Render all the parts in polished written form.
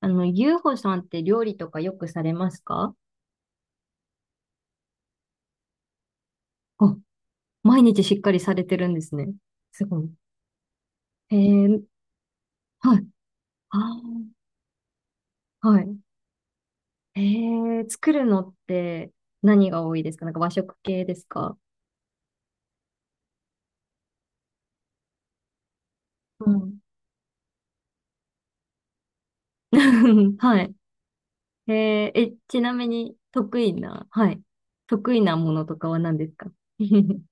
ゆうほさんって料理とかよくされますか？あ、毎日しっかりされてるんですね。すごい。えー、はい。あー、はい。え作るのって何が多いですか？なんか和食系ですか？うん。はい。えちなみに得意な、はい。得意なものとかは何ですか？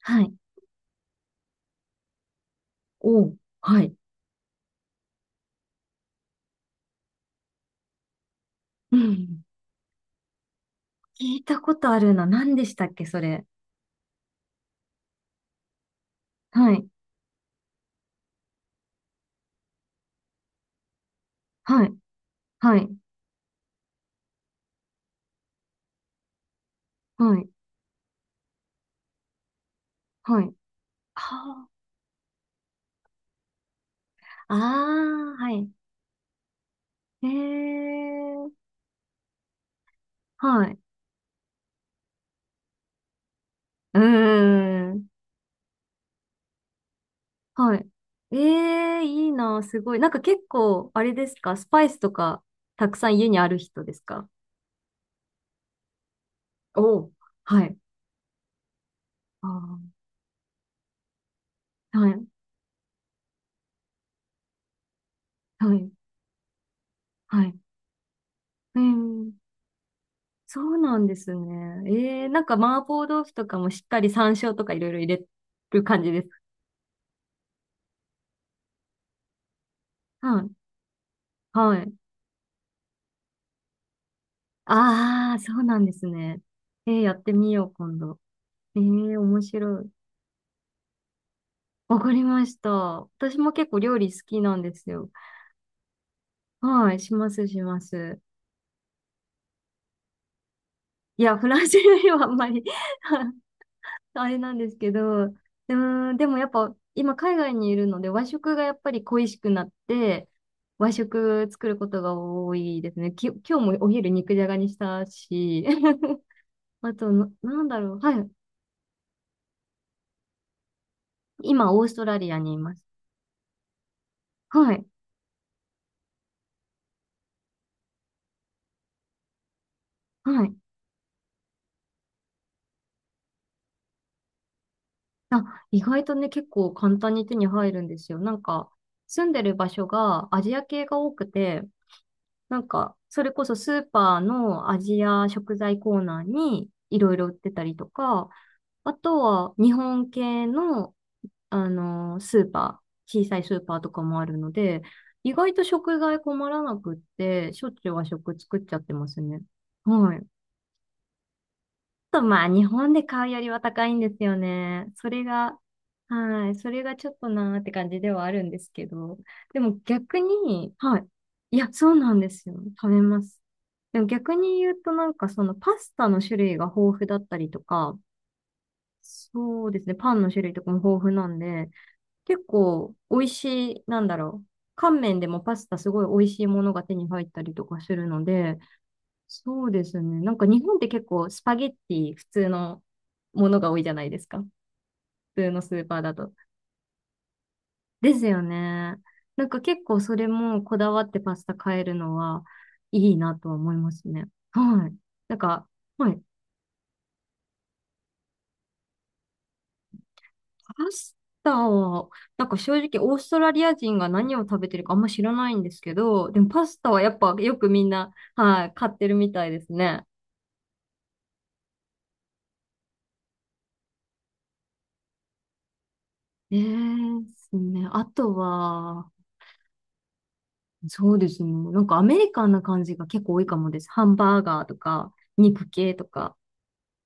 はい。おう、はい。うん。聞いたことあるな。何でしたっけ、それ。はい。はい。はい。はい。はい。はあ、ああ、はい。ええ、はい。うーん。はい。ええ、いいな、すごい。なんか結構、あれですか、スパイスとか、たくさん家にある人ですか？おう。はい。ああ、はい。はい。はい。うん。そうなんですね。ええ、なんか麻婆豆腐とかもしっかり山椒とかいろいろ入れる感じです。はい。はい。ああ、そうなんですね。ええ、やってみよう、今度。ええ、面白い。わかりました。私も結構料理好きなんですよ。はい、します、します。いや、フランス料理はあんまり あれなんですけど、うーん、でもやっぱ今海外にいるので和食がやっぱり恋しくなって、和食作ることが多いですね。今日もお昼肉じゃがにしたし、あとな、なんだろう。はい。今、オーストラリアにいます。はい。はい。あ、意外とね、結構簡単に手に入るんですよ。なんか、住んでる場所がアジア系が多くて、なんか、それこそスーパーのアジア食材コーナーにいろいろ売ってたりとか、あとは日本系の、スーパー、小さいスーパーとかもあるので、意外と食材困らなくって、しょっちゅう和食作っちゃってますね。はい。とまあ日本で買うよりは高いんですよね。それが、はい、それがちょっとなーって感じではあるんですけど。でも逆に、はい。いや、そうなんですよ。食べます。でも逆に言うとなんかそのパスタの種類が豊富だったりとか、そうですね、パンの種類とかも豊富なんで、結構美味しい、なんだろう。乾麺でもパスタすごい美味しいものが手に入ったりとかするので、そうですね。なんか日本って結構スパゲッティ普通のものが多いじゃないですか。普通のスーパーだと。ですよね。なんか結構それもこだわってパスタ買えるのはいいなとは思いますね。はい。なんか、はい。パスタは、なんか正直オーストラリア人が何を食べてるかあんま知らないんですけど、でもパスタはやっぱよくみんな、はい、買ってるみたいですね。ええですね。あとは、そうですね。なんかアメリカンな感じが結構多いかもです。ハンバーガーとか、肉系とか。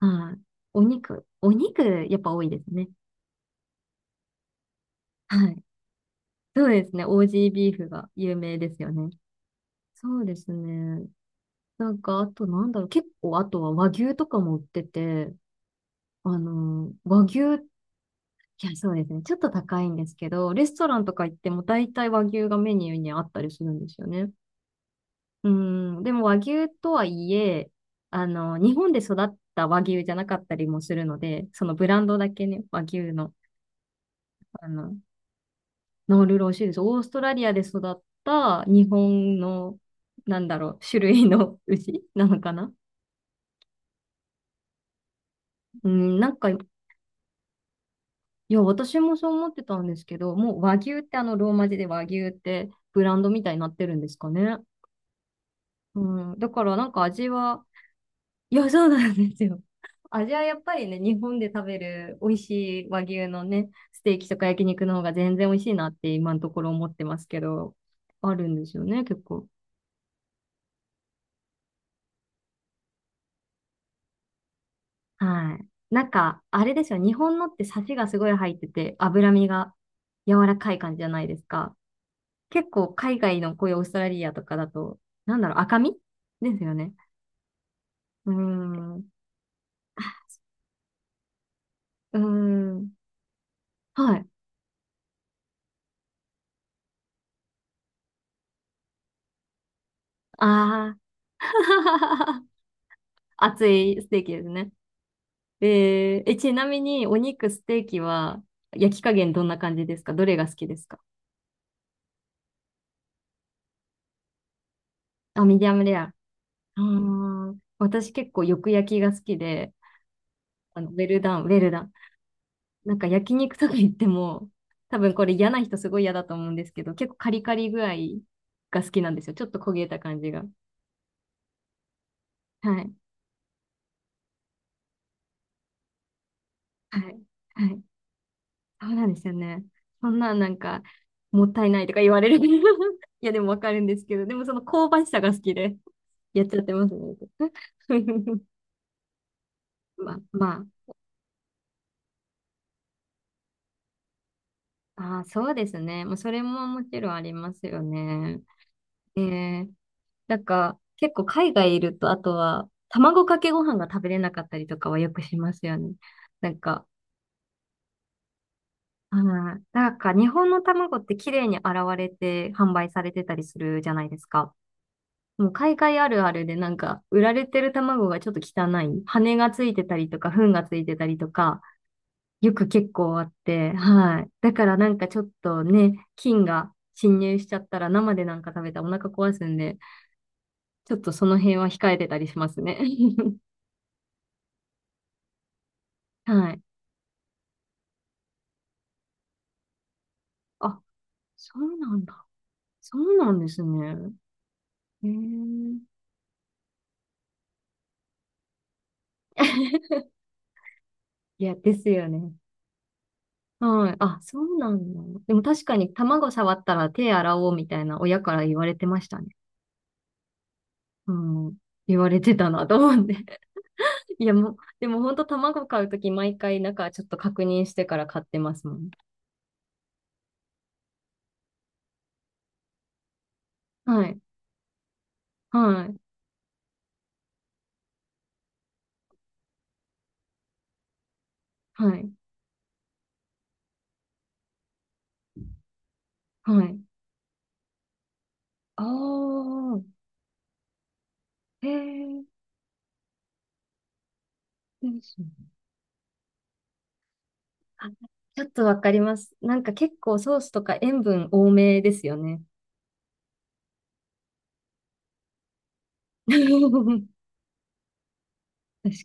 はい。お肉、お肉、やっぱ多いですね。はい。そうですね。オージービーフが有名ですよね。そうですね。なんか、あとなんだろう。結構、あとは和牛とかも売ってて、和牛、いや、そうですね。ちょっと高いんですけど、レストランとか行っても大体和牛がメニューにあったりするんですよね。うん、でも和牛とはいえ、日本で育った和牛じゃなかったりもするので、そのブランドだけね、和牛の、あの、ノールローシーです。オーストラリアで育った日本の、なんだろう、種類の 牛なのかな。うん、なんか、いや、私もそう思ってたんですけど、もう和牛ってローマ字で和牛ってブランドみたいになってるんですかね。うん、だからなんか味は、いや、そうなんですよ。味はやっぱりね、日本で食べる美味しい和牛のね、ステーキとか焼肉の方が全然美味しいなって今のところ思ってますけど、あるんですよね、結構。はい。なんか、あれですよ、日本のってサシがすごい入ってて、脂身が柔らかい感じじゃないですか。結構海外のこういうオーストラリアとかだと、なんだろう、赤身ですよね。うーん。うーん。はい。ああ。熱いステーキですね。ちなみにお肉、ステーキは焼き加減どんな感じですか？どれが好きですか？あ、ミディアムレア。あー、私結構よく焼きが好きで、ウェルダン、ウェルダン。なんか焼肉とか言っても、多分これ嫌な人すごい嫌だと思うんですけど、結構カリカリ具合が好きなんですよ。ちょっと焦げた感じが。はい。はい。はい。そうなんですよね。そんななんか、もったいないとか言われる。いや、でもわかるんですけど、でもその香ばしさが好きで、やっちゃってますね。まあ、まあ、あー、そうですね。もうそれももちろんありますよね。えー、なんか、結構海外いると、あとは、卵かけご飯が食べれなかったりとかはよくしますよね。なんか、あー、なんか日本の卵って綺麗に洗われて販売されてたりするじゃないですか。もう海外あるあるでなんか、売られてる卵がちょっと汚い。羽がついてたりとか、糞がついてたりとか、よく結構あって、はい。だからなんかちょっとね、菌が侵入しちゃったら生でなんか食べたらお腹壊すんで、ちょっとその辺は控えてたりしますね。はい。あ、そうなんだ。そうなんですね。へえ。いや、ですよね。はい。あ、そうなんだ。でも確かに卵触ったら手洗おうみたいな親から言われてましたね。うん、言われてたなと思って。いや、もう、でも本当卵買うとき毎回中ちょっと確認してから買ってますもん。はい、はい、はい、はい。ああ、へえ、ですね。あ、ちょっとわかります。なんか結構ソースとか塩分多めですよね。確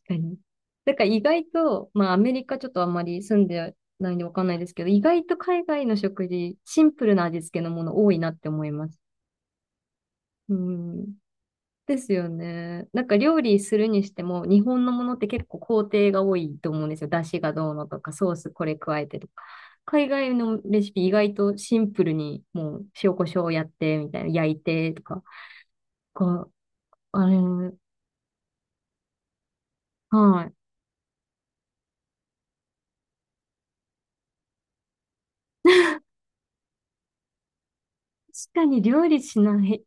かに。だから意外と、まあアメリカちょっとあんまり住んでないんでわかんないですけど、意外と海外の食事、シンプルな味付けのもの多いなって思います。うん。ですよね。なんか料理するにしても、日本のものって結構工程が多いと思うんですよ。出汁がどうのとか、ソースこれ加えてとか。海外のレシピ意外とシンプルに、もう塩コショウやってみたいな、焼いてとか。こう、あれ、はい。確かに料理しない。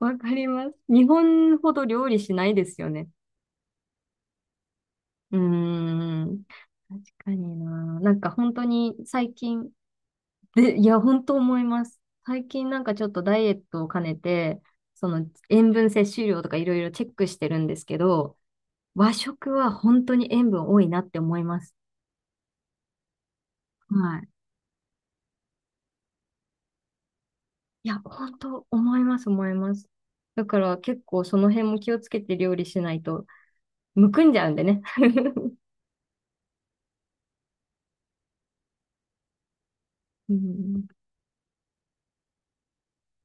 わかります。日本ほど料理しないですよね。うーん。確かにな。なんか本当に最近、で、いや、本当思います。最近なんかちょっとダイエットを兼ねて、その塩分摂取量とかいろいろチェックしてるんですけど、和食は本当に塩分多いなって思います。はい。いや、本当思います、思います。だから結構その辺も気をつけて料理しないと、むくんじゃうんでね。うん